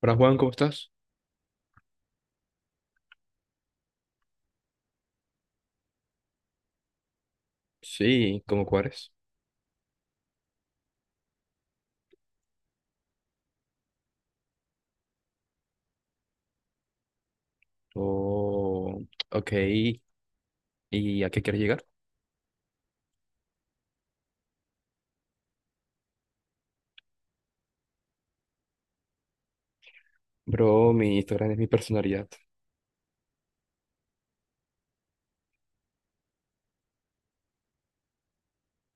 Hola Juan, ¿cómo estás? Sí, ¿cómo cuáles? Oh, ok. ¿Y a qué quieres llegar? Bro, mi Instagram es mi personalidad.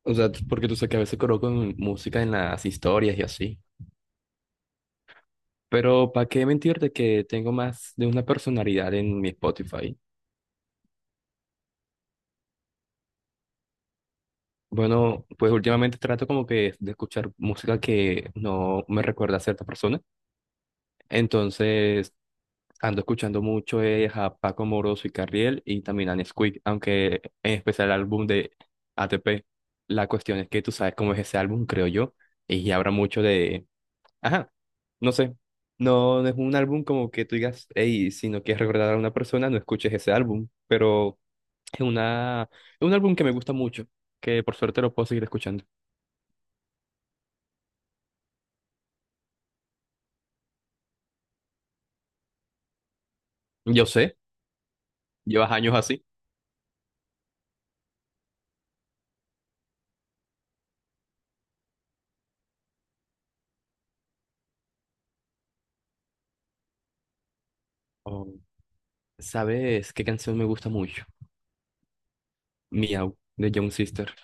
O sea, porque tú sabes que a veces coloco música en las historias y así. Pero ¿para qué mentirte que tengo más de una personalidad en mi Spotify? Bueno, pues últimamente trato como que de escuchar música que no me recuerda a cierta persona. Entonces, ando escuchando mucho es a Paco Moroso y Carriel y también a Nesquik, aunque en especial el álbum de ATP. La cuestión es que tú sabes cómo es ese álbum, creo yo, y habrá mucho de... Ajá, no sé, no, no es un álbum como que tú digas, hey, si no quieres recordar a una persona, no escuches ese álbum, pero es una... es un álbum que me gusta mucho, que por suerte lo puedo seguir escuchando. Yo sé, llevas años así. Oh, ¿sabes qué canción me gusta mucho? Miau, de Young Sister.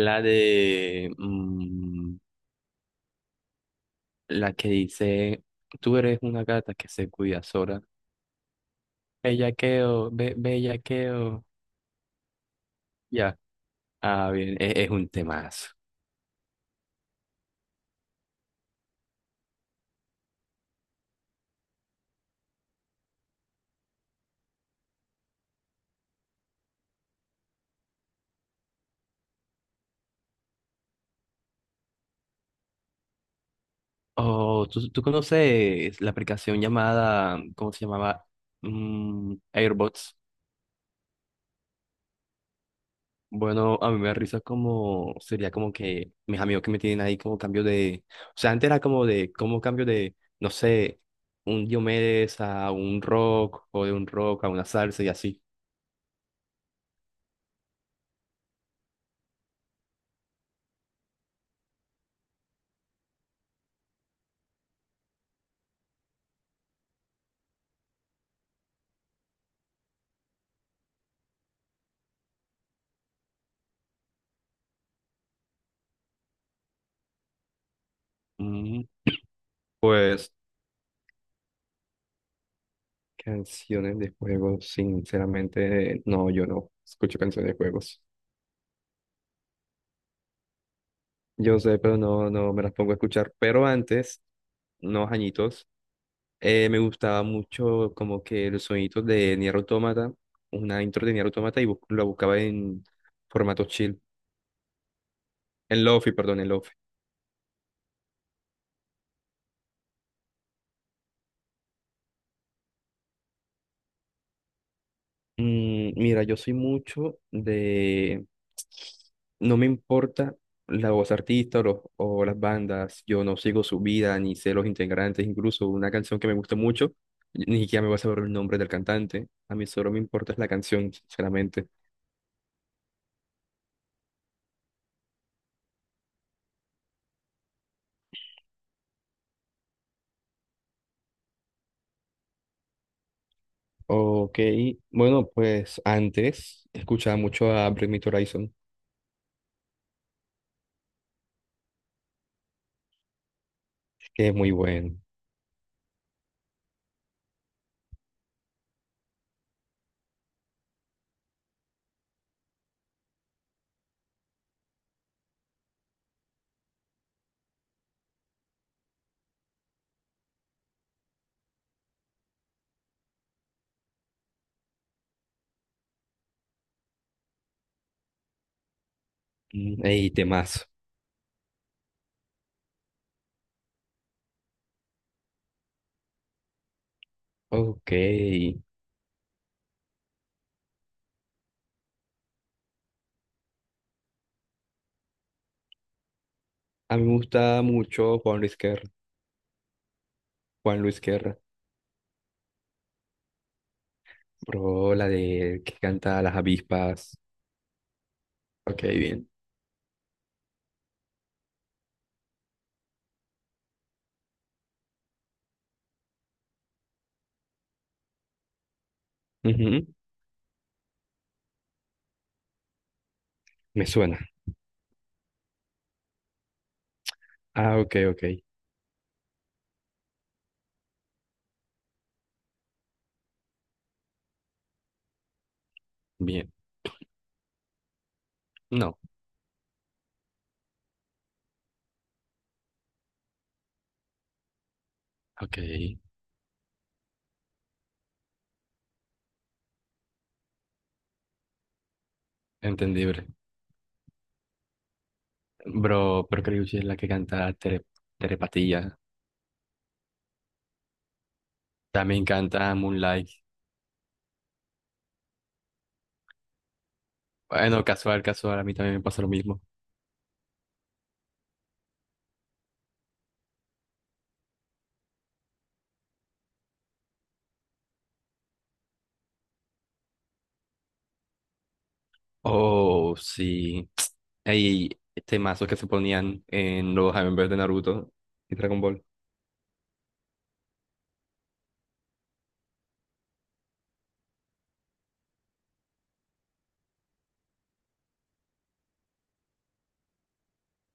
La de la que dice, tú eres una gata que se cuida sola. Bellaqueo, be bellaqueo. Ya. Ah, bien, es un temazo. Oh, ¿tú conoces la aplicación llamada, ¿cómo se llamaba? Airbots. Bueno, a mí me da risa como, sería como que mis amigos que me tienen ahí como cambio de, o sea, antes era como de, como cambio de, no sé, un Diomedes a un rock o de un rock a una salsa y así. Mm, Pues canciones de juegos, sinceramente, no, yo no escucho canciones de juegos. Yo sé, pero no, no me las pongo a escuchar. Pero antes, unos añitos, me gustaba mucho como que los sonidos de Nier Automata, una intro de Nier Automata y lo buscaba en formato chill, en lofi, perdón, en lofi. Mm, Mira, yo soy mucho de, no me importa la voz artista o, o las bandas, yo no sigo su vida ni sé los integrantes, incluso una canción que me gusta mucho, ni siquiera me voy a saber el nombre del cantante, a mí solo me importa es la canción, sinceramente. Ok, bueno, pues antes escuchaba mucho a Bring Me the Horizon, que es muy bueno, Mm, y temas. Ok, a mí me gusta mucho Juan Luis Guerra, Juan Luis Guerra. Bro, la de que canta las avispas. Ok, bien. Ujú, me suena. Ah, ok, ok. Bien. No, ok. Entendible. Bro, pero creo que es la que canta tere, Terepatía. También canta Moonlight. Bueno, casual, casual. A mí también me pasa lo mismo. Oh, sí. Hay temazos que se ponían en los Avengers de Naruto y Dragon Ball.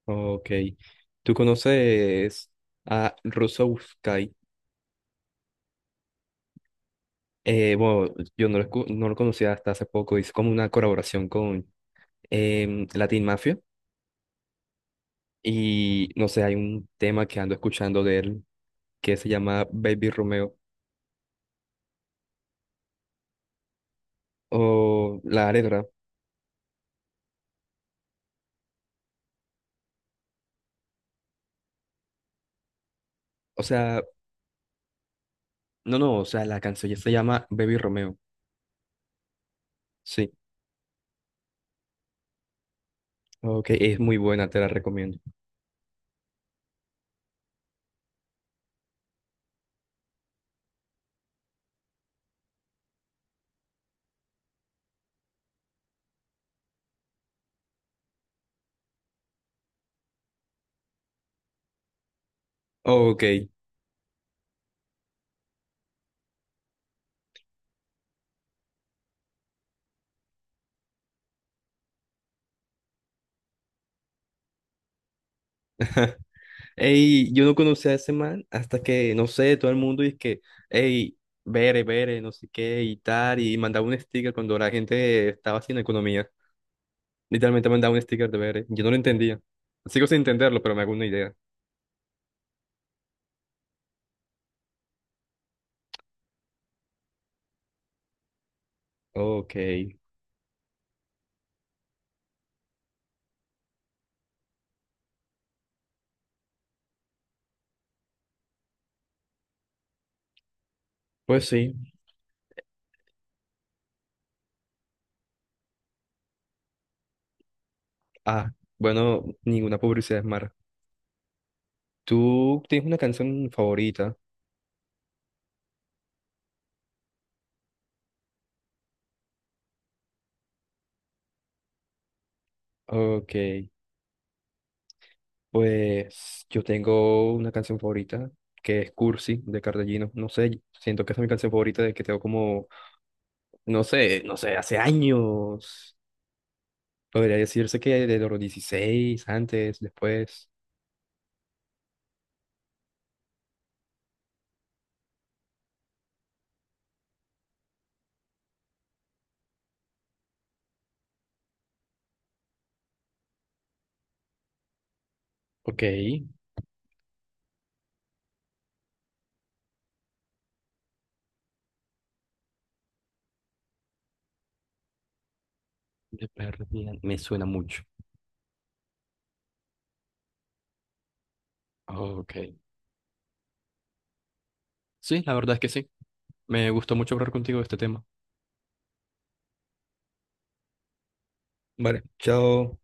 Ok. ¿Tú conoces a Rusouskai? Bueno, yo no lo, no lo conocía hasta hace poco, hizo como una colaboración con Latin Mafia y no sé, hay un tema que ando escuchando de él que se llama Baby Romeo o la letra, o sea, no, no, o sea, la canción ya se llama Baby Romeo, sí, ok, es muy buena, te la recomiendo. Ok, ey, yo no conocía a ese man hasta que, no sé, todo el mundo dice que, ey, Bere, Bere, no sé qué y tal, y mandaba un sticker cuando la gente estaba haciendo economía. Literalmente me mandaba un sticker de ver, yo no lo entendía. Sigo sin entenderlo, pero me hago una idea. Ok, pues sí. Ah, bueno, ninguna publicidad es mala. ¿Tú tienes una canción favorita? Ok, pues yo tengo una canción favorita que es Cursi de Cardellino. No sé, siento que esa es mi canción favorita de que tengo como, no sé, no sé, hace años. Podría decirse que de los 16, antes, después. Ok, de perdida, me suena mucho. Ok. Sí, la verdad es que sí. Me gustó mucho hablar contigo de este tema. Vale, chao.